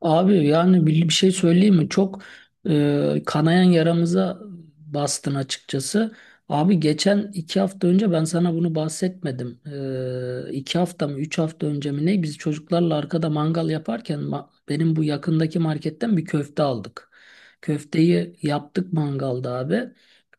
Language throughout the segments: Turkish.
Abi yani bir şey söyleyeyim mi? Çok kanayan yaramıza bastın açıkçası. Abi geçen 2 hafta önce ben sana bunu bahsetmedim. E, 2 hafta mı 3 hafta önce mi ne? Biz çocuklarla arkada mangal yaparken benim bu yakındaki marketten bir köfte aldık. Köfteyi yaptık mangalda abi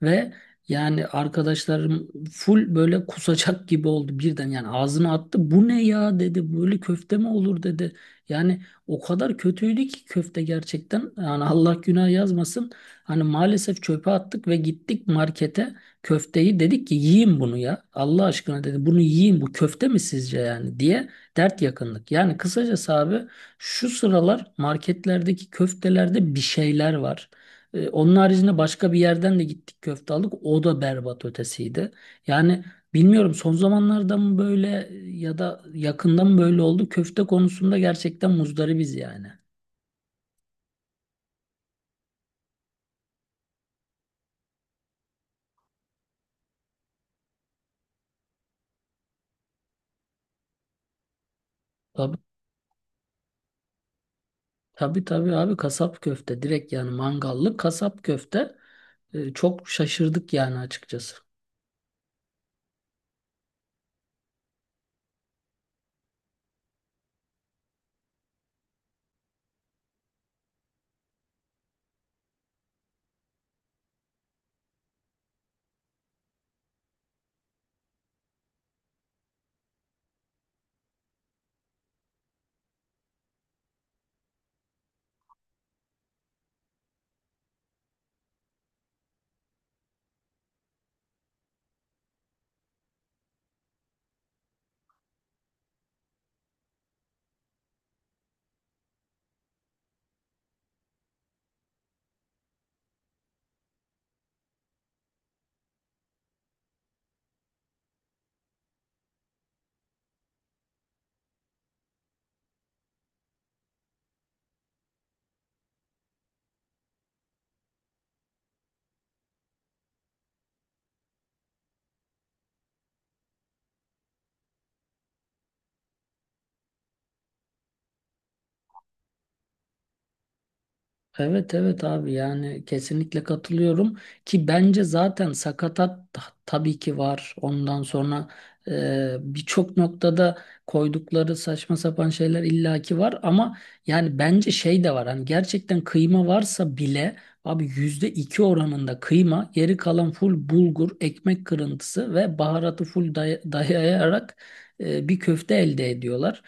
ve yani arkadaşlarım full böyle kusacak gibi oldu birden yani ağzına attı. Bu ne ya dedi, böyle köfte mi olur dedi. Yani o kadar kötüydü ki köfte gerçekten. Yani Allah günah yazmasın. Hani maalesef çöpe attık ve gittik markete, köfteyi dedik ki yiyin bunu ya. Allah aşkına dedi, bunu yiyin bu köfte mi sizce yani diye dert yakındık. Yani kısacası abi, şu sıralar marketlerdeki köftelerde bir şeyler var. Onun haricinde başka bir yerden de gittik köfte aldık. O da berbat ötesiydi. Yani bilmiyorum son zamanlarda mı böyle ya da yakında mı böyle oldu? Köfte konusunda gerçekten muzdaribiz yani. Tabii, tabii, tabii abi, kasap köfte direkt yani, mangallı kasap köfte. Çok şaşırdık yani açıkçası. Evet, evet abi, yani kesinlikle katılıyorum ki bence zaten sakatat tabii ki var. Ondan sonra birçok noktada koydukları saçma sapan şeyler illaki var ama yani bence şey de var. Hani gerçekten kıyma varsa bile abi %2 oranında kıyma, geri kalan full bulgur, ekmek kırıntısı ve baharatı full dayayarak bir köfte elde ediyorlar.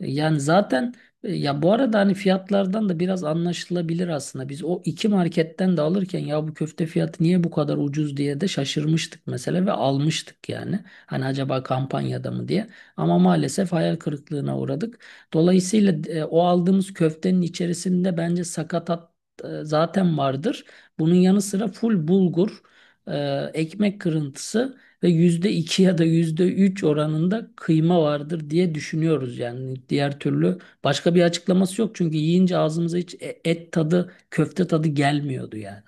Yani zaten ya bu arada hani fiyatlardan da biraz anlaşılabilir aslında. Biz o iki marketten de alırken ya bu köfte fiyatı niye bu kadar ucuz diye de şaşırmıştık mesela ve almıştık yani. Hani acaba kampanyada mı diye. Ama maalesef hayal kırıklığına uğradık. Dolayısıyla o aldığımız köftenin içerisinde bence sakatat zaten vardır. Bunun yanı sıra full bulgur, ekmek kırıntısı ve %2 ya da %3 oranında kıyma vardır diye düşünüyoruz yani. Diğer türlü başka bir açıklaması yok çünkü yiyince ağzımıza hiç et tadı, köfte tadı gelmiyordu yani.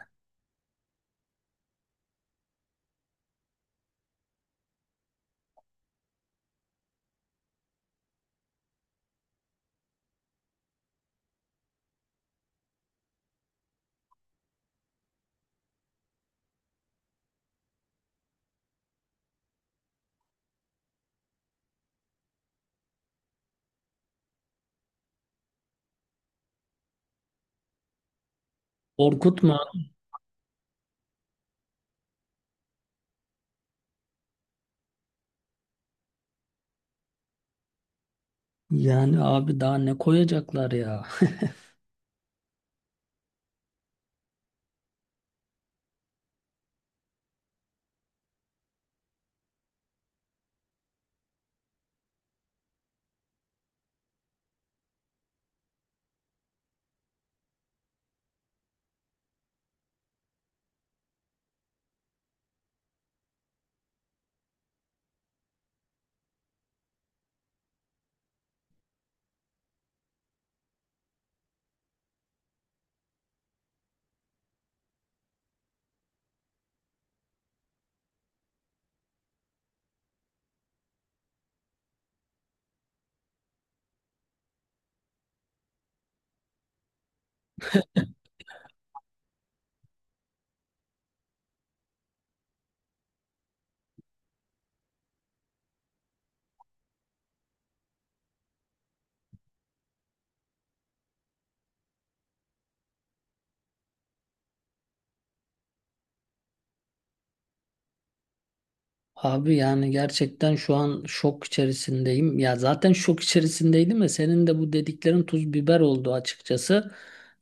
Korkutma. Yani abi daha ne koyacaklar ya? Abi yani gerçekten şu an şok içerisindeyim. Ya zaten şok içerisindeydim de senin de bu dediklerin tuz biber oldu açıkçası.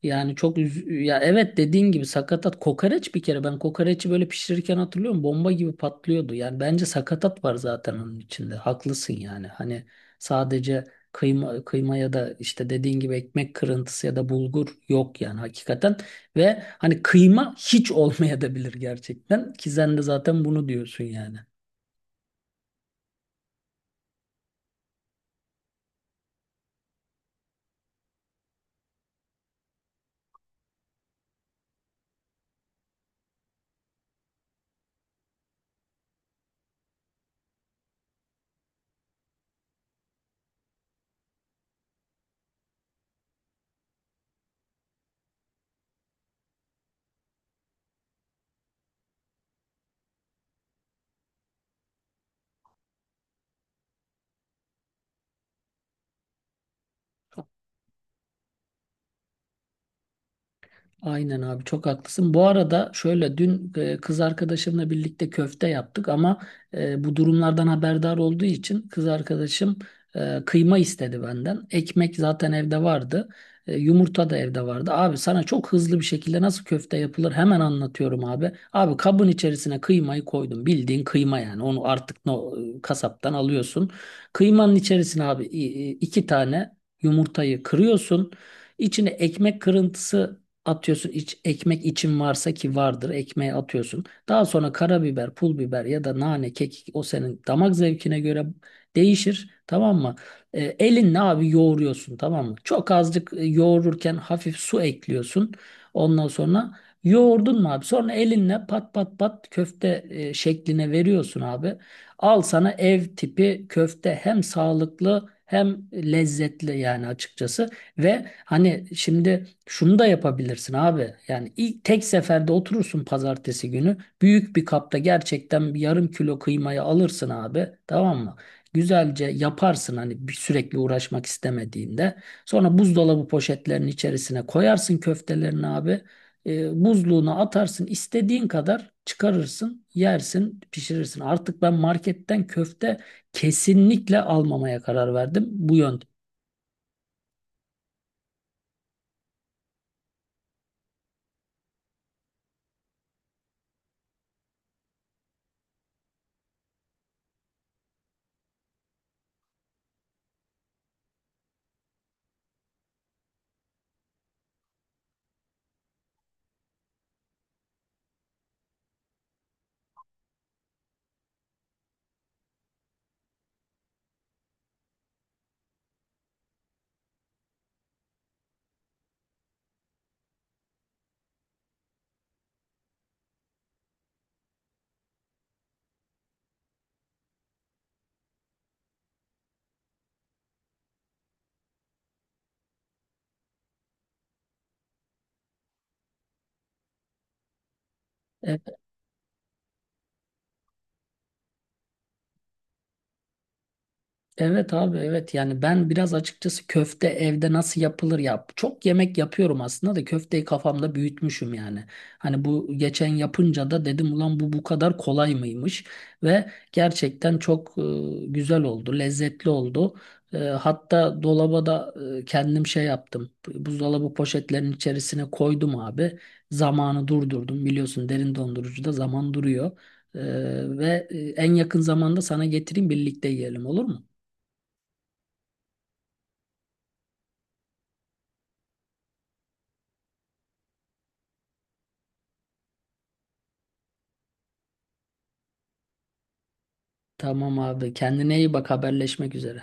Yani çok ya evet, dediğin gibi sakatat, kokoreç. Bir kere ben kokoreçi böyle pişirirken hatırlıyorum, bomba gibi patlıyordu. Yani bence sakatat var zaten onun içinde. Haklısın yani. Hani sadece kıyma kıyma ya da işte dediğin gibi ekmek kırıntısı ya da bulgur yok yani, hakikaten. Ve hani kıyma hiç olmayabilir gerçekten ki sen de zaten bunu diyorsun yani. Aynen abi, çok haklısın. Bu arada şöyle dün kız arkadaşımla birlikte köfte yaptık ama bu durumlardan haberdar olduğu için kız arkadaşım kıyma istedi benden. Ekmek zaten evde vardı. Yumurta da evde vardı. Abi sana çok hızlı bir şekilde nasıl köfte yapılır hemen anlatıyorum abi. Abi kabın içerisine kıymayı koydum. Bildiğin kıyma yani. Onu artık no, e, kasaptan alıyorsun. Kıymanın içerisine abi 2 tane yumurtayı kırıyorsun. İçine ekmek kırıntısı atıyorsun, iç, ekmek için varsa ki vardır ekmeğe atıyorsun. Daha sonra karabiber, pul biber ya da nane, kekik, o senin damak zevkine göre değişir. Tamam mı? Elinle abi yoğuruyorsun, tamam mı? Çok azıcık yoğururken hafif su ekliyorsun. Ondan sonra yoğurdun mu abi? Sonra elinle pat pat pat köfte şekline veriyorsun abi. Al sana ev tipi köfte, hem sağlıklı hem lezzetli yani açıkçası. Ve hani şimdi şunu da yapabilirsin abi. Yani ilk tek seferde oturursun pazartesi günü. Büyük bir kapta gerçekten bir yarım kilo kıymayı alırsın abi. Tamam mı? Güzelce yaparsın hani, bir sürekli uğraşmak istemediğinde. Sonra buzdolabı poşetlerinin içerisine koyarsın köftelerini abi. Buzluğuna atarsın. İstediğin kadar çıkarırsın, yersin, pişirirsin. Artık ben marketten köfte kesinlikle almamaya karar verdim, bu yönde. Evet abi, evet yani ben biraz açıkçası köfte evde nasıl yapılır yap, çok yemek yapıyorum aslında da köfteyi kafamda büyütmüşüm yani. Hani bu geçen yapınca da dedim ulan bu kadar kolay mıymış ve gerçekten çok güzel oldu, lezzetli oldu. Hatta dolaba da kendim şey yaptım, buzdolabı poşetlerinin içerisine koydum abi, zamanı durdurdum, biliyorsun derin dondurucuda zaman duruyor. E, ve en yakın zamanda sana getireyim, birlikte yiyelim, olur mu? Tamam abi. Kendine iyi bak. Haberleşmek üzere.